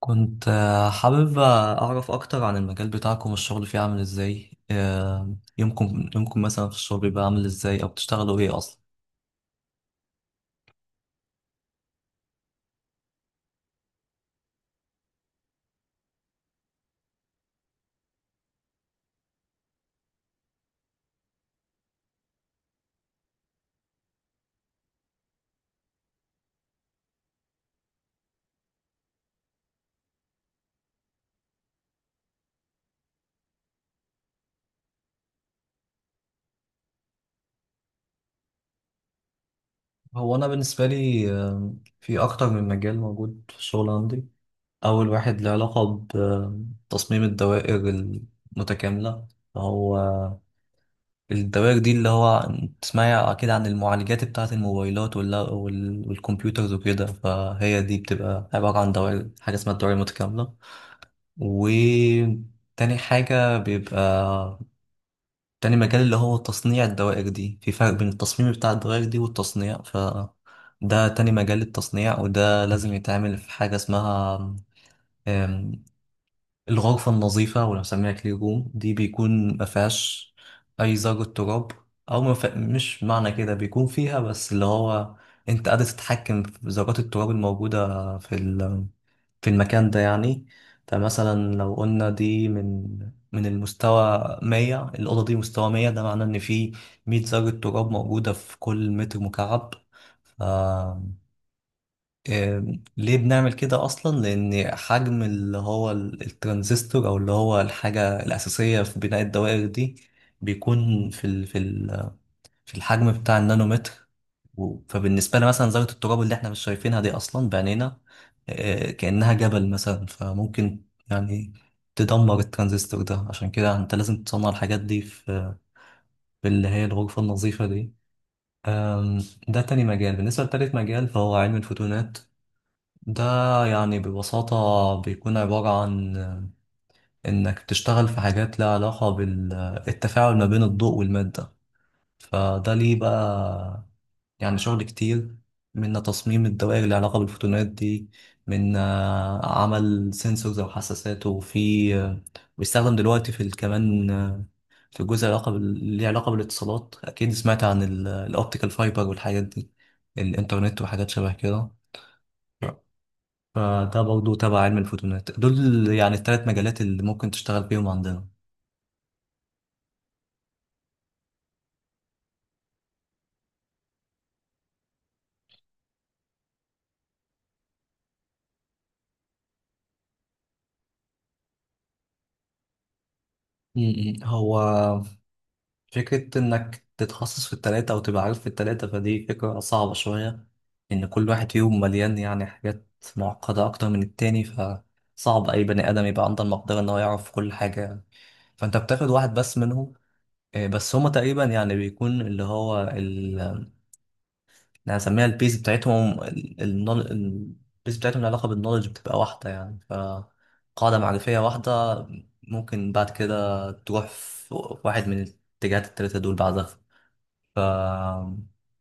كنت حابب أعرف أكتر عن المجال بتاعكم، الشغل فيه عامل إزاي؟ يومكم مثلا في الشغل بيبقى عامل إزاي، أو بتشتغلوا إيه أصلا؟ هو أنا بالنسبة لي في أكتر من مجال موجود في الشغل عندي. أول واحد له علاقة بتصميم الدوائر المتكاملة. هو الدوائر دي اللي هو تسمعي أكيد عن المعالجات بتاعة الموبايلات والكمبيوترز وكده، فهي دي بتبقى عبارة عن دوائر، حاجة اسمها الدوائر المتكاملة. وتاني حاجة بيبقى تاني مجال اللي هو تصنيع الدوائر دي. في فرق بين التصميم بتاع الدوائر دي والتصنيع، ف ده تاني مجال، التصنيع. وده لازم يتعمل في حاجة اسمها آم، الغرفة النظيفة، ولا بنسميها كلين روم. دي بيكون مفيهاش أي ذرة تراب. أو مش معنى كده بيكون فيها، بس اللي هو أنت قادر تتحكم في ذرات التراب الموجودة في المكان ده يعني. فمثلا لو قلنا دي من المستوى 100. الأوضة دي مستوى 100، ده معناه إن في 100 ذرة تراب موجودة في كل متر مكعب. ف ليه بنعمل كده أصلا؟ لأن حجم اللي هو الترانزستور، أو اللي هو الحاجة الأساسية في بناء الدوائر دي، بيكون في الحجم بتاع النانومتر. فبالنسبة لي مثلا ذرة التراب اللي احنا مش شايفينها دي أصلا بعينينا، كأنها جبل مثلا. فممكن يعني تدمر الترانزستور ده. عشان كده انت لازم تصنع الحاجات دي في اللي هي الغرفة النظيفة دي. ده تاني مجال. بالنسبة لتالت مجال فهو علم الفوتونات. ده يعني ببساطة بيكون عبارة عن إنك تشتغل في حاجات لها علاقة بالتفاعل ما بين الضوء والمادة. فده ليه بقى يعني شغل كتير، من تصميم الدوائر اللي علاقة بالفوتونات دي، من عمل سنسورز أو حساسات، وفي بيستخدم دلوقتي في كمان في جزء ليه علاقة بالاتصالات. أكيد سمعت عن الأوبتيكال فايبر والحاجات دي، الإنترنت وحاجات شبه كده. فده برضه تبع علم الفوتونات. دول يعني الثلاث مجالات اللي ممكن تشتغل بيهم عندنا. م- م. هو فكرة إنك تتخصص في التلاتة أو تبقى عارف في التلاتة، فدي فكرة صعبة شوية. إن كل واحد فيهم مليان يعني حاجات معقدة أكتر من التاني. فصعب أي بني آدم يبقى عنده المقدرة إن هو يعرف كل حاجة يعني. فأنت بتاخد واحد بس منهم. بس هما تقريبا يعني بيكون اللي هو ال اللي هنسميها البيز بتاعتهم، البيز بتاعتهم، العلاقة بالنولج بتبقى واحدة يعني، فقاعدة معرفية واحدة. ممكن بعد كده تروح في واحد من الاتجاهات التلاتة دول بعدها. ف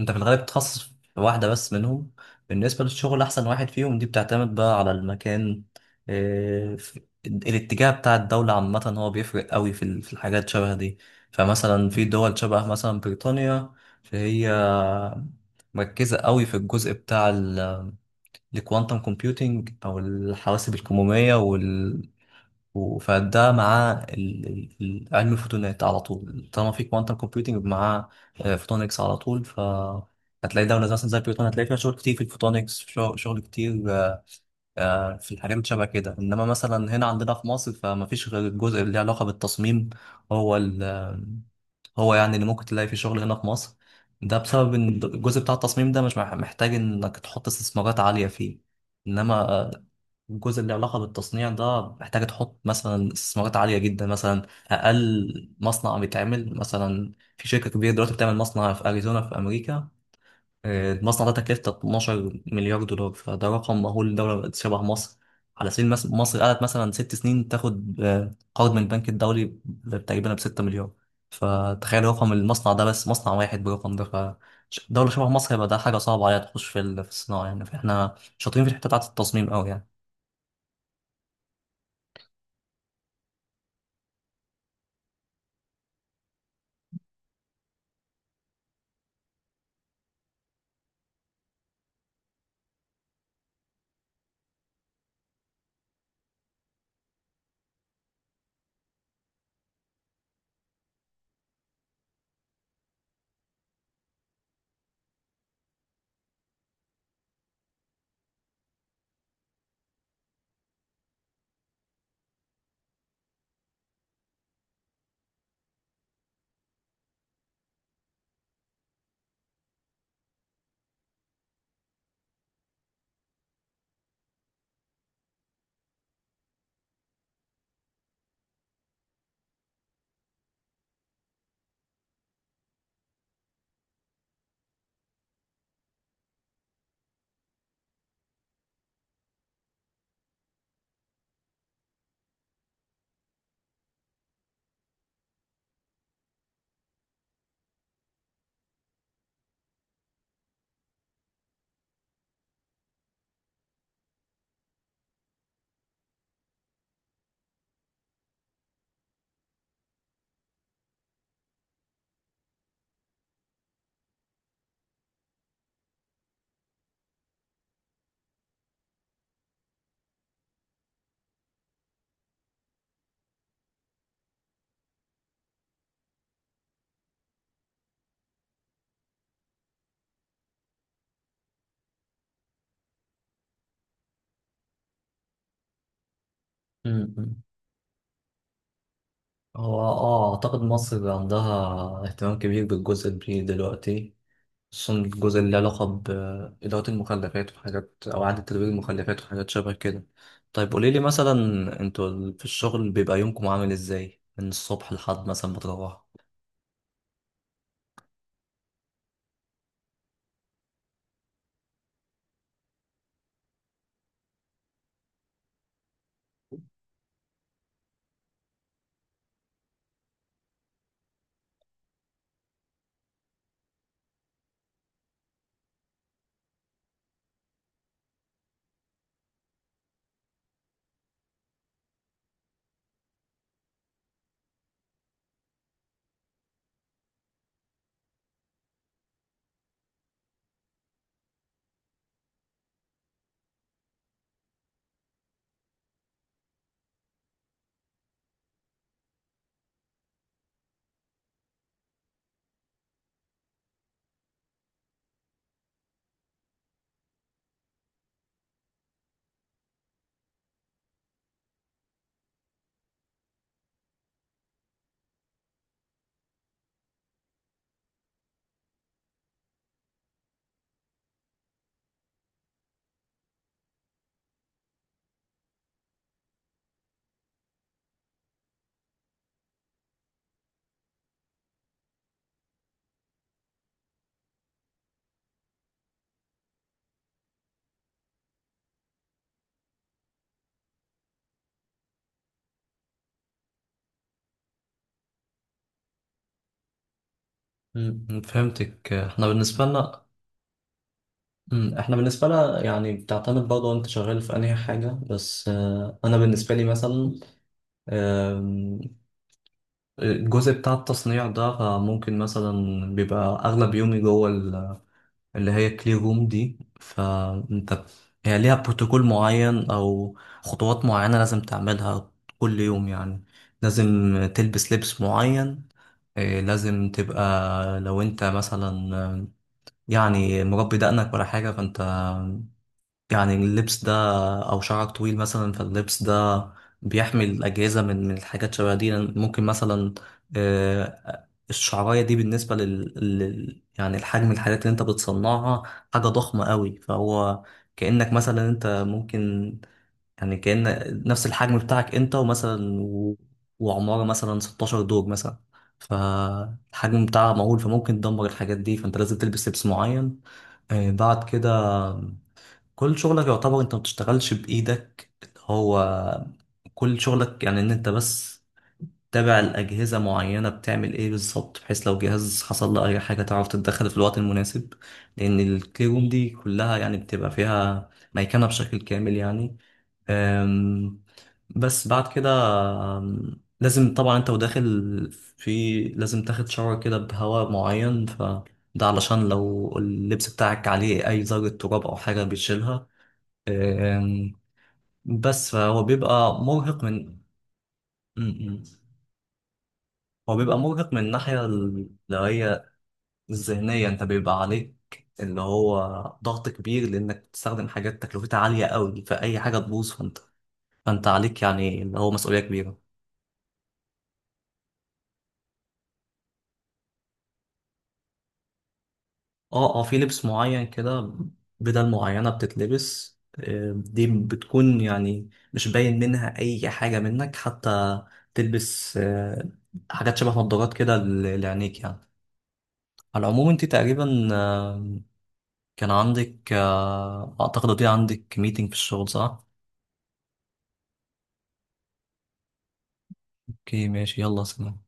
انت في الغالب بتتخصص في واحدة بس منهم. بالنسبة للشغل، أحسن واحد فيهم دي بتعتمد بقى على المكان. إيه، الاتجاه بتاع الدولة عامة هو بيفرق قوي في في الحاجات شبه دي. فمثلا في دول شبه مثلا بريطانيا، فهي مركزة قوي في الجزء بتاع الكوانتم كومبيوتينج، أو الحواسب الكمومية. فده مع علم الفوتونات على طول، طالما في كوانتم كومبيوتنج مع فوتونكس على طول. ف هتلاقي دولة زي مثلا زي البيوتون، هتلاقي فيها شغل كتير في الفوتونكس. شغل كتير في الحاجات اللي شبه كده. انما مثلا هنا عندنا في مصر، فما فيش غير الجزء اللي له علاقة بالتصميم، هو ال آه، هو يعني اللي ممكن تلاقي فيه شغل هنا في مصر. ده بسبب ان الجزء بتاع التصميم ده مش محتاج انك تحط استثمارات عالية فيه. انما الجزء اللي علاقة بالتصنيع ده محتاج تحط مثلا استثمارات عالية جدا. مثلا أقل مصنع بيتعمل مثلا، في شركة كبيرة دلوقتي بتعمل مصنع في أريزونا في أمريكا. المصنع ده تكلفته 12 مليار دولار، فده رقم مهول لدولة بقت شبه مصر. على سبيل المثال، مصر قعدت مثلا 6 سنين تاخد قرض من البنك الدولي تقريبا ب 6 مليار. فتخيل رقم المصنع ده، بس مصنع واحد برقم ده، فدولة شبه مصر يبقى ده حاجة صعبة عليها تخش في في الصناعة يعني. فاحنا شاطرين في الحتة بتاعت التصميم أوي يعني. مم. هو اعتقد مصر عندها اهتمام كبير بالجزء البيئي دلوقتي، خصوصا الجزء اللي له علاقة بإدارة المخلفات وحاجات، أو إعادة تدوير المخلفات وحاجات شبه كده. طيب، قوليلي مثلا، انتوا في الشغل بيبقى يومكم عامل ازاي من الصبح لحد مثلا ما تروحوا؟ فهمتك. احنا بالنسبة لنا. احنا بالنسبة لنا يعني بتعتمد برضه انت شغال في انهي حاجة. بس انا بالنسبة لي مثلا الجزء بتاع التصنيع ده، فممكن مثلا بيبقى أغلب يومي جوه اللي هي كلير روم دي. فأنت، هي ليها بروتوكول معين أو خطوات معينة لازم تعملها كل يوم يعني. لازم تلبس لبس معين. إيه، لازم تبقى، لو أنت مثلا يعني مربي دقنك ولا حاجة، فأنت يعني اللبس ده، او شعرك طويل مثلا، فاللبس ده بيحمي الاجهزه من الحاجات شبه دي. ممكن مثلا الشعرايه دي بالنسبه يعني الحجم، الحاجات اللي انت بتصنعها حاجه ضخمه قوي. فهو كانك مثلا انت ممكن يعني كان نفس الحجم بتاعك انت ومثلا وعماره مثلا 16 دور مثلا، فالحجم بتاعها مهول، فممكن تدمر الحاجات دي، فانت لازم تلبس لبس معين. بعد كده كل شغلك يعتبر انت ما بتشتغلش بايدك. هو كل شغلك يعني ان انت بس تابع الاجهزه معينه بتعمل ايه بالظبط، بحيث لو جهاز حصل له اي حاجه تعرف تتدخل في الوقت المناسب. لان الكلي روم دي كلها يعني بتبقى فيها ميكنه بشكل كامل يعني. أم، بس بعد كده لازم طبعا انت وداخل في لازم تاخد شاور كده بهواء معين. ف ده علشان لو اللبس بتاعك عليه اي ذرة تراب او حاجة بيشيلها. أم، بس فهو بيبقى مرهق من م- م. هو بيبقى مرهق من الناحية اللي هي الذهنية. انت بيبقى عليك اللي هو ضغط كبير، لانك بتستخدم حاجات تكلفتها عالية قوي. فأي حاجة تبوظ فانت عليك يعني اللي هو مسؤولية كبيرة. اه، اه، في لبس معين كده. بدل معينة بتتلبس. دي بتكون يعني مش باين منها أي حاجة منك حتى. تلبس حاجات شبه نظارات كده لعينيك يعني. على العموم، انت تقريبا كان عندك اعتقد دي عندك ميتنج في الشغل صح؟ اوكي، ماشي، يلا، سلام.